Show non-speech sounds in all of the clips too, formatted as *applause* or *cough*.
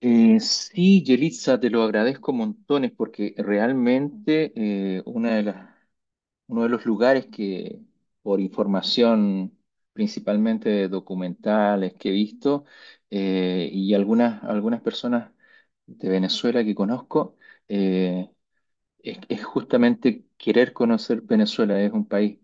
Sí, Yelitza, te lo agradezco montones porque realmente uno de los lugares que, por información principalmente de documentales que he visto y algunas personas de Venezuela que conozco, eh, es justamente querer conocer Venezuela. Es un país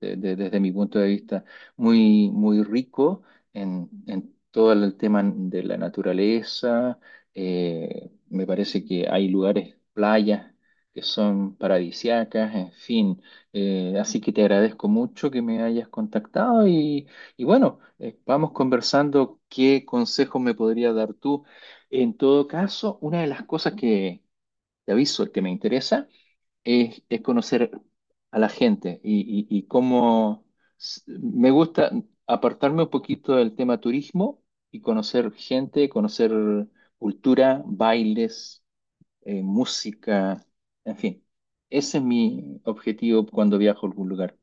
desde mi punto de vista, muy rico en todo el tema de la naturaleza. Me parece que hay lugares, playas que son paradisiacas, en fin. Así que te agradezco mucho que me hayas contactado y bueno, vamos conversando qué consejos me podría dar tú. En todo caso, una de las cosas que te aviso, que me interesa, es conocer a la gente y cómo me gusta apartarme un poquito del tema turismo y conocer gente, conocer cultura, bailes, música, en fin. Ese es mi objetivo cuando viajo a algún lugar.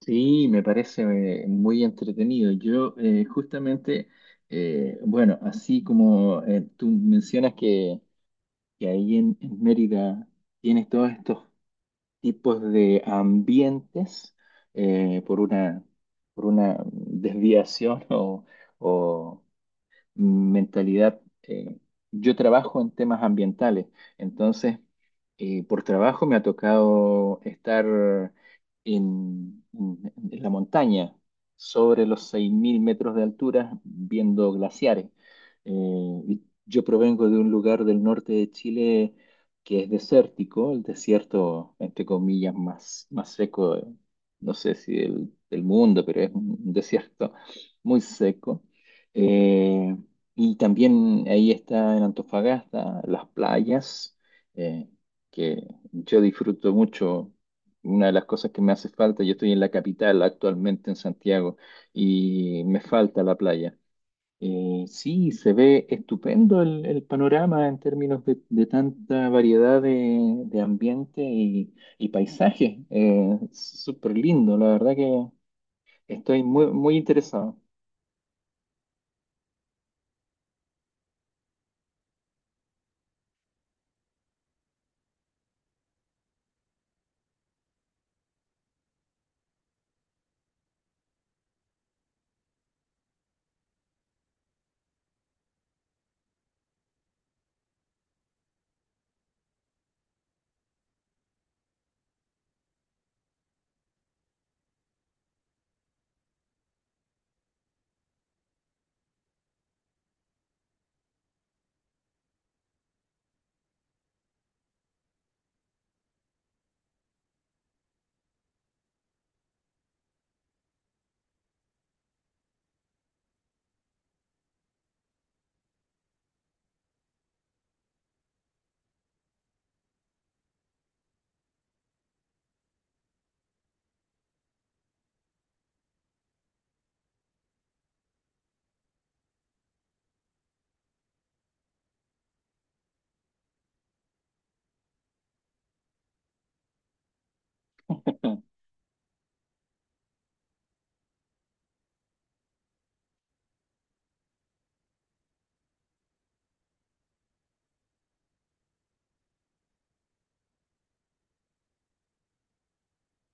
Sí, me parece muy entretenido. Yo justamente, bueno, así como tú mencionas que ahí en Mérida tienes todos estos tipos de ambientes eh, por una, por una desviación *laughs* o mentalidad. Yo trabajo en temas ambientales, entonces por trabajo me ha tocado estar en la montaña, sobre los 6.000 metros de altura, viendo glaciares. Y yo provengo de un lugar del norte de Chile que es desértico, el desierto, entre comillas, más seco, no sé si del mundo, pero es un desierto muy seco. Eh, y también ahí está en Antofagasta, las playas, eh, que yo disfruto mucho. Una de las cosas que me hace falta, yo estoy en la capital actualmente en Santiago y me falta la playa. Sí, se ve estupendo el panorama en términos de tanta variedad de ambiente y paisaje. Súper lindo, la verdad que estoy muy interesado.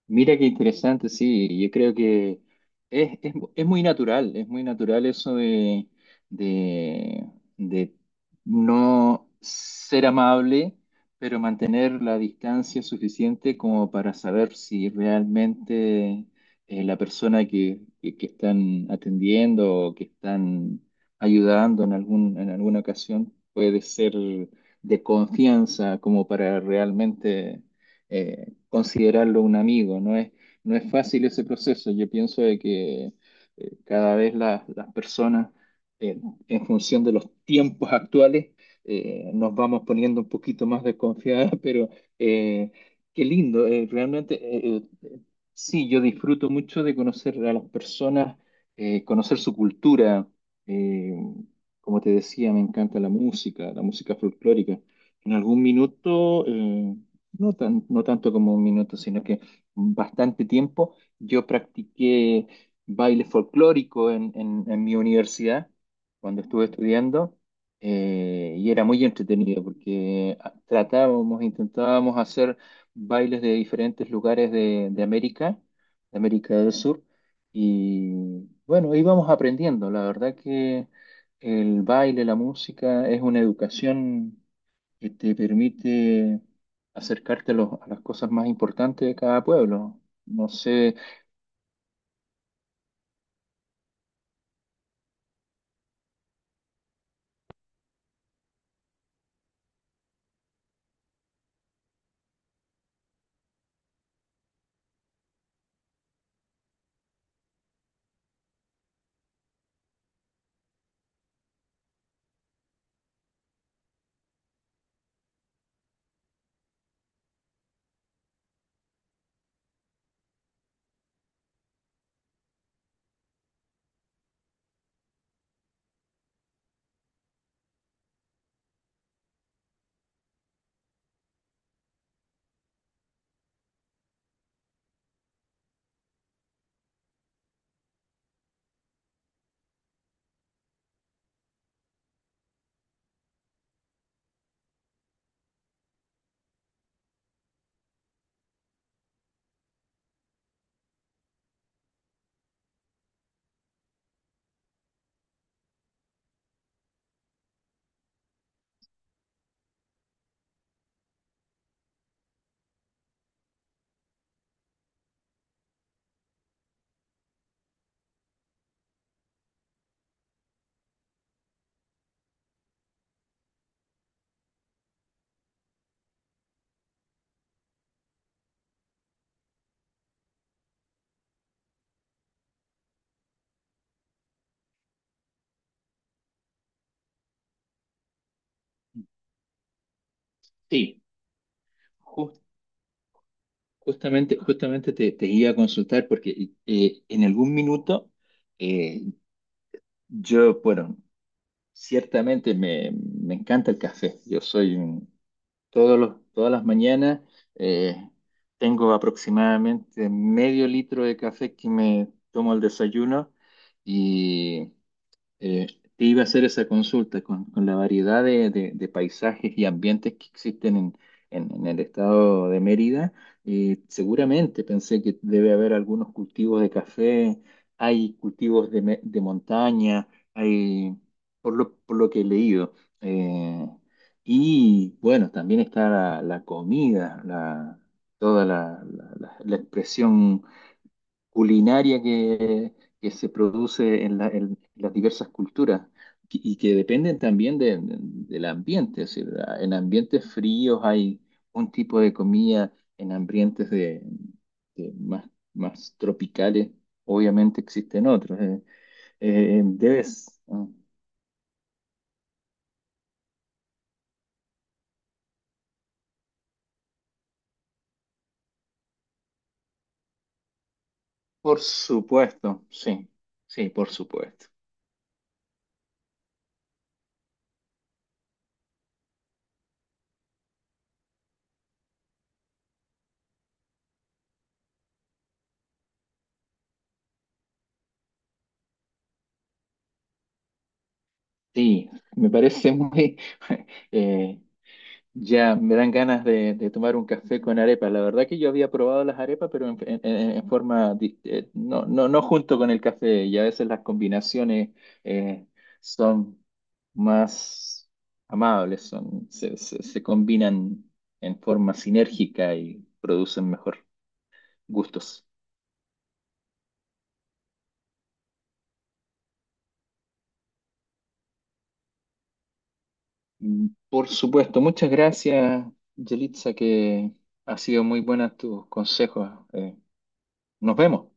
Mira qué interesante, sí, yo creo que es muy natural eso de, de no ser amable, pero mantener la distancia suficiente como para saber si realmente la persona que están atendiendo o que están ayudando en algún, en alguna ocasión puede ser de confianza como para realmente... eh, considerarlo un amigo. No es fácil ese proceso. Yo pienso de que cada vez las personas, eh, en función de los tiempos actuales, nos vamos poniendo un poquito más desconfiadas, *laughs* pero eh, qué lindo. Realmente, sí, yo disfruto mucho de conocer a las personas, conocer su cultura. eh, Como te decía, me encanta la música folclórica. En algún minuto, no tanto como un minuto, sino que bastante tiempo. Yo practiqué baile folclórico en mi universidad cuando estuve estudiando y era muy entretenido porque ah, intentábamos hacer bailes de diferentes lugares de América del Sur y bueno, íbamos aprendiendo. La verdad que el baile, la música es una educación que te permite acercarte a, a las cosas más importantes de cada pueblo. No sé, sí, jus- justamente te iba a consultar porque en algún minuto eh, yo, bueno, ciertamente me encanta el café. Todos los, todas las mañanas eh, tengo aproximadamente medio litro de café que me tomo al desayuno y Eh, te iba a hacer esa consulta con la variedad de, de paisajes y ambientes que existen en el estado de Mérida. Seguramente pensé que debe haber algunos cultivos de café, hay cultivos de, de montaña, hay, por lo que he leído. Eh, y bueno, también está la comida, la, toda la, la la- la expresión culinaria que se produce en, en las diversas culturas y que dependen también del ambiente. Es decir, en ambientes fríos hay un tipo de comida, en ambientes de, de más, más tropicales obviamente existen otros. Eh, debes, por supuesto, sí, sí, por supuesto. Sí, me parece muy... *laughs* eh, Ya, me dan ganas de tomar un café con arepa. La verdad que yo había probado las arepas, pero en, en forma, no, no, no junto con el café. Y a veces las combinaciones eh, son más amables, son, se combinan en forma sinérgica y producen mejor gustos. Mm, por supuesto, muchas gracias, Yelitza, que ha sido muy buena tus consejos. Nos vemos.